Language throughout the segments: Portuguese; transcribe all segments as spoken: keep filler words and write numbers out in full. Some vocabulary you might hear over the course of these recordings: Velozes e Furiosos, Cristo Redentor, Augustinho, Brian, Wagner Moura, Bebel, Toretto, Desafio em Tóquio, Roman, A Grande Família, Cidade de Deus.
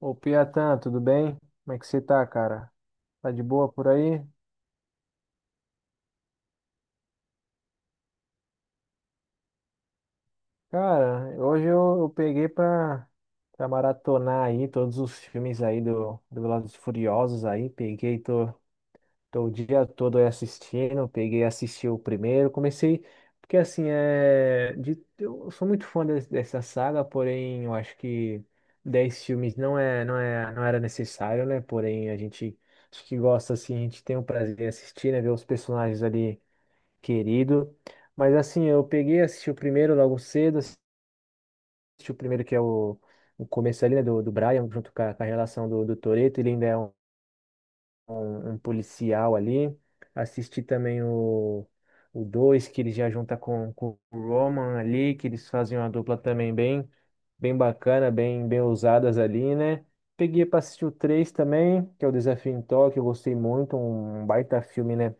Ô, Piatan, tudo bem? Como é que você tá, cara? Tá de boa por aí? Cara, hoje eu, eu peguei pra, pra maratonar aí todos os filmes aí do, do Velozes e Furiosos aí. Peguei, tô, tô o dia todo aí assistindo. Peguei, assisti o primeiro. Comecei, porque assim, é, de- eu sou muito fã des- dessa saga, porém eu acho que dez filmes não é, não é, não era necessário, né? Porém a gente, acho que gosta assim, a gente tem o prazer de assistir, né? Ver os personagens ali querido. Mas assim, eu peguei, assisti o primeiro logo cedo, assisti o primeiro que é o, o começo ali, né, do, do Brian, junto com a, com a relação do, do Toretto, ele ainda é um, um policial ali. Assisti também o, o dois, que ele já junta com, com o Roman ali, que eles fazem uma dupla também bem, bem bacana, bem, bem ousadas ali, né? Peguei para assistir o três também, que é o Desafio em Tóquio, eu gostei muito, um baita filme, né?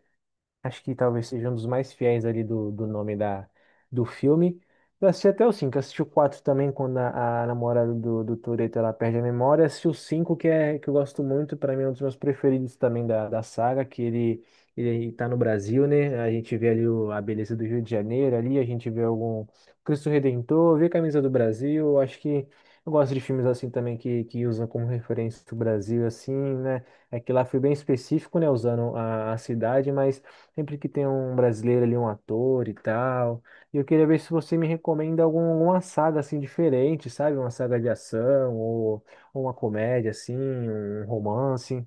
Acho que talvez seja um dos mais fiéis ali do, do nome da, do filme. Eu assisti até o cinco assisti o quatro também, quando a, a namorada do, do Toretto ela perde a memória. Assisti o cinco que, é, que eu gosto muito, para mim é um dos meus preferidos também da, da saga, que ele, ele tá no Brasil, né? A gente vê ali o- a beleza do Rio de Janeiro, ali a gente vê algum Cristo Redentor, vê a camisa do Brasil. Eu Acho que eu gosto de filmes assim também que, que usam como referência o Brasil, assim, né? É que lá foi bem específico, né? Usando a, a cidade, mas. Sempre que tem um brasileiro ali, um ator e tal. E eu queria ver se você me recomenda algum, alguma saga assim diferente, sabe? Uma saga de ação ou ou uma comédia assim, um romance.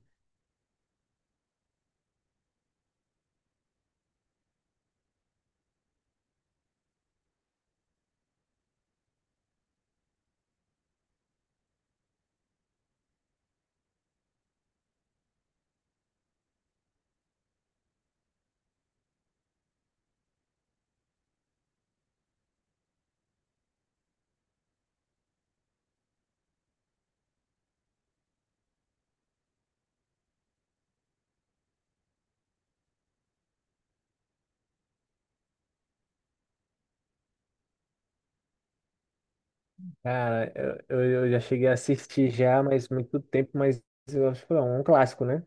Cara, eu, eu eu já cheguei a assistir já, mas muito tempo, mas eu acho que é um clássico, né?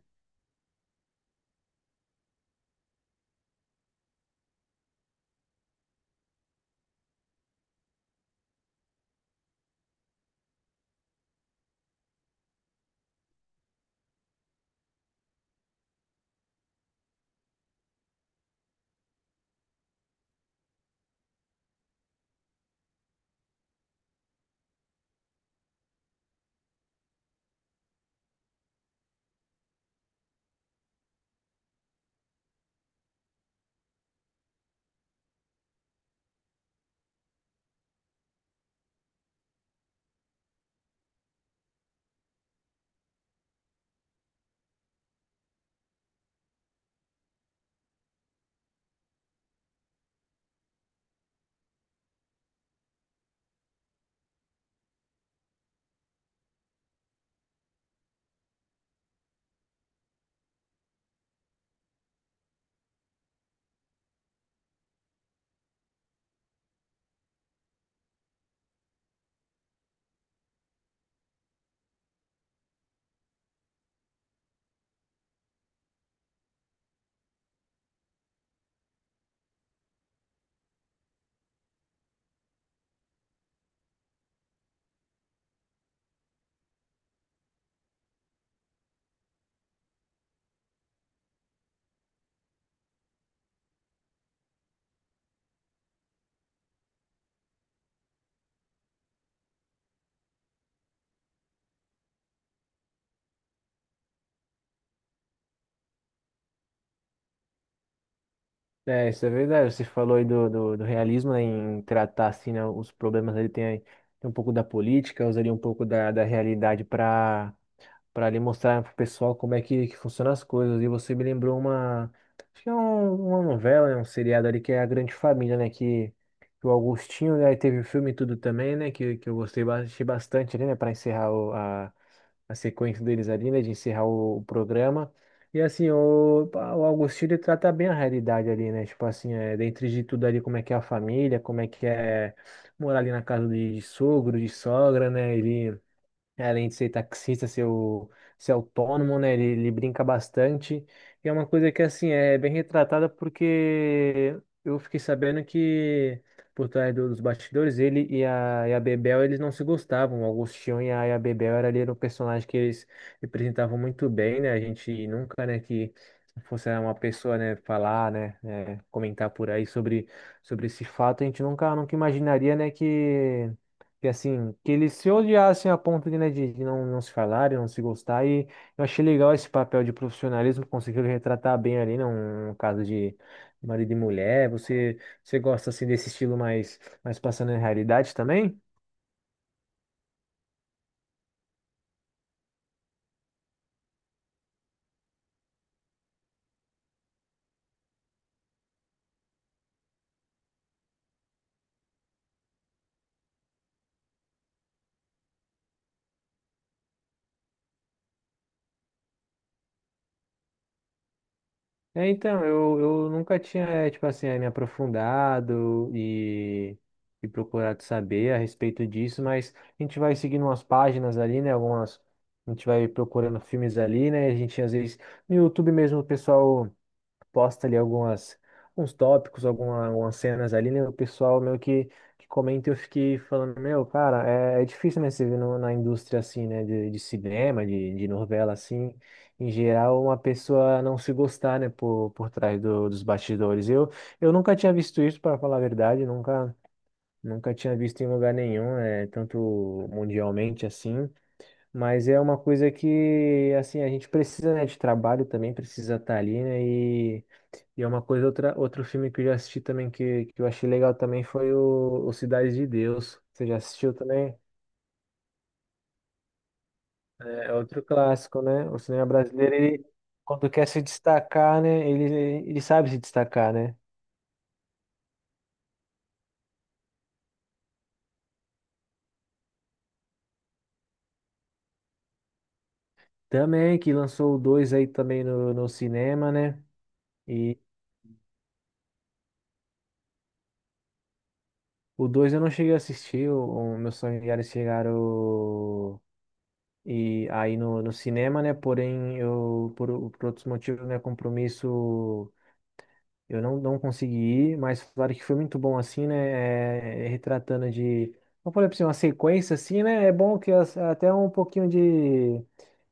É, isso é verdade. Você falou aí do, do, do realismo, né, em tratar assim, né, os problemas ali tem, aí- tem um pouco da política, usaria um pouco da, da realidade para para ali mostrar pro pessoal como é que, que funcionam as coisas. E você me lembrou uma, acho que é um- uma novela, né, um seriado ali que é A Grande Família, né, que, que o Augustinho, né, aí teve o filme e tudo também, né, que, que eu gostei ba- achei bastante ali, né, para encerrar o- a, a sequência deles ali, né, de encerrar o, o programa. E assim, o, pá, o Augustinho ele trata bem a realidade ali, né? Tipo assim, é, dentro de tudo ali, como é que é a família, como é que é morar ali na casa de, de sogro, de sogra, né? Ele é, além de ser taxista, ser, o- ser autônomo, né? Ele, ele brinca bastante. E é uma coisa que, assim, é bem retratada porque eu fiquei sabendo que por trás do- dos bastidores, ele e a, e a Bebel, eles não se gostavam. O Agostinho e a, e a Bebel era ali era um personagem que eles representavam muito bem, né? A gente nunca, né, que fosse uma pessoa, né, falar, né, né, comentar por aí sobre, sobre esse fato, a gente nunca, nunca imaginaria, né, que assim, que eles se odiassem a ponto de, né, de de não, não se falarem, não se gostar. E eu achei legal esse papel de profissionalismo, conseguiram retratar bem ali, né, um caso de marido e mulher. Você, você gosta assim desse estilo mais, mais passando em realidade também? É, então, eu, eu nunca tinha, eh, tipo assim, eh, me aprofundado e, e procurado saber a respeito disso, mas a gente vai seguindo umas páginas ali, né? Algumas. A gente vai procurando filmes ali, né? A gente às vezes. No YouTube mesmo, o pessoal posta ali algumas uns tópicos, alguma, algumas cenas ali, né? O pessoal meio que, que comenta e eu fiquei falando, meu, cara, é, é difícil, né, você ver no- na indústria assim, né, de, de cinema, de, de novela assim, em geral, uma pessoa não se gostar, né, por, por trás do- dos bastidores. Eu, eu nunca tinha visto isso, para falar a verdade, nunca, nunca tinha visto em lugar nenhum, é, tanto mundialmente assim. Mas é uma coisa que, assim, a gente precisa, né, de trabalho também, precisa estar ali, né, e é uma coisa, outra, outro filme que eu já assisti também, que, que eu achei legal também, foi o, o Cidade de Deus. Você já assistiu também? É outro clássico, né? O cinema brasileiro, ele, quando quer se destacar, né? Ele, ele sabe se destacar, né? Também, que lançou o dois aí também no, no cinema, né? E o dois eu não cheguei a assistir, o, o- meus familiares chegaram e aí no, no cinema, né? Porém, eu, por, por outros motivos, né? Compromisso. Eu não, não consegui ir, mas falaram que foi muito bom, assim, né? É, retratando de. Vamos falar pra você, uma sequência, assim, né? É bom que as- até um pouquinho de.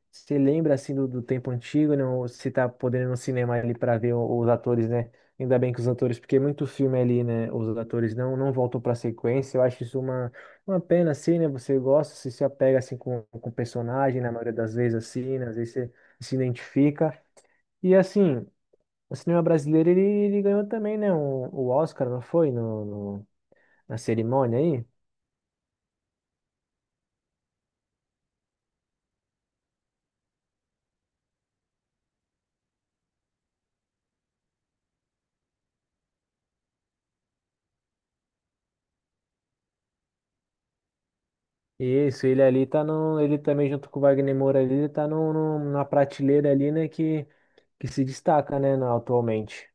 Você lembra, assim, do, do tempo antigo, né? Ou se tá podendo ir no cinema ali para ver o- os atores, né? Ainda bem que os atores, porque é muito filme ali, né? Os atores não, não voltam pra sequência. Eu acho isso uma, uma pena, assim, né? Você gosta, se se apega, assim, com com o personagem, na maioria das vezes, assim, né? Às vezes você se identifica. E assim, o cinema brasileiro, ele, ele ganhou também, né? Um, o Oscar, não foi? No, no- na cerimônia aí? Isso, ele ali tá no. Ele também, junto com o Wagner Moura ali, ele tá no, no- na prateleira ali, né? Que, que se destaca, né? na- Atualmente.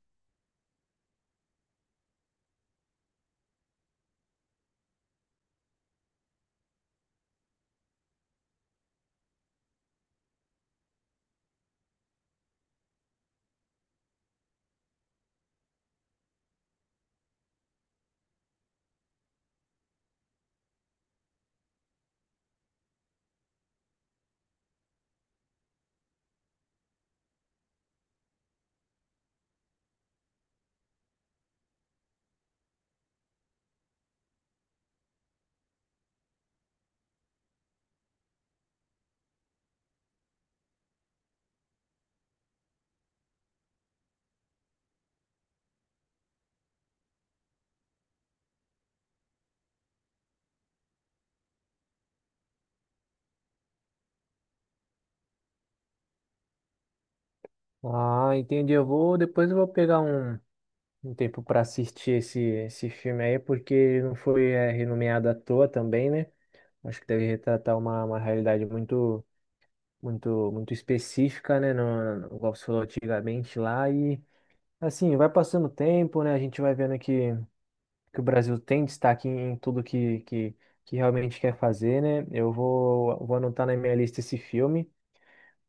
Ah, entendi. Eu vou. Depois eu vou pegar um, um tempo para assistir esse, esse filme aí, porque ele não foi é, renomeado à toa também, né? Acho que deve retratar uma, uma realidade muito. Muito, muito específica, né? No, no, igual você falou antigamente lá, e assim, vai passando o tempo, né? A gente vai vendo que, que o Brasil tem destaque em, em tudo que, que, que realmente quer fazer, né? Eu vou, vou anotar na minha lista esse filme.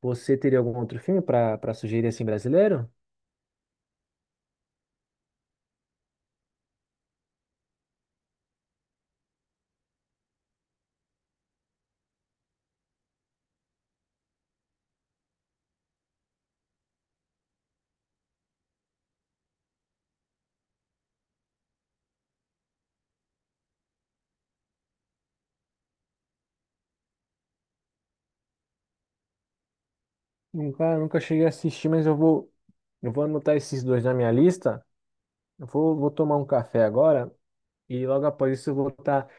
Você teria algum outro filme para para sugerir assim brasileiro? Nunca, nunca cheguei a assistir, mas eu vou, eu vou anotar esses dois na minha lista. Eu vou, vou tomar um café agora e logo após isso eu vou estar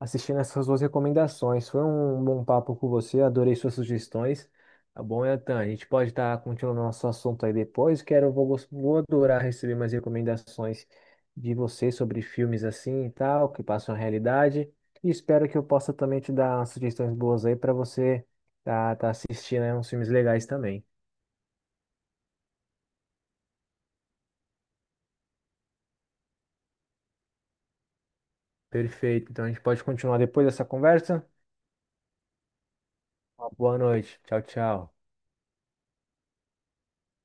assistindo essas suas recomendações. Foi um bom papo com você, adorei suas sugestões. Tá bom, Etan? A gente pode estar continuando nosso assunto aí depois. Quero, vou, gos- vou adorar receber mais recomendações de você sobre filmes assim e tal, que passam a realidade. E espero que eu possa também te dar umas sugestões boas aí para você tá, tá assistindo aí uns filmes legais também. Perfeito. Então a gente pode continuar depois dessa conversa. Uma boa noite. Tchau, tchau.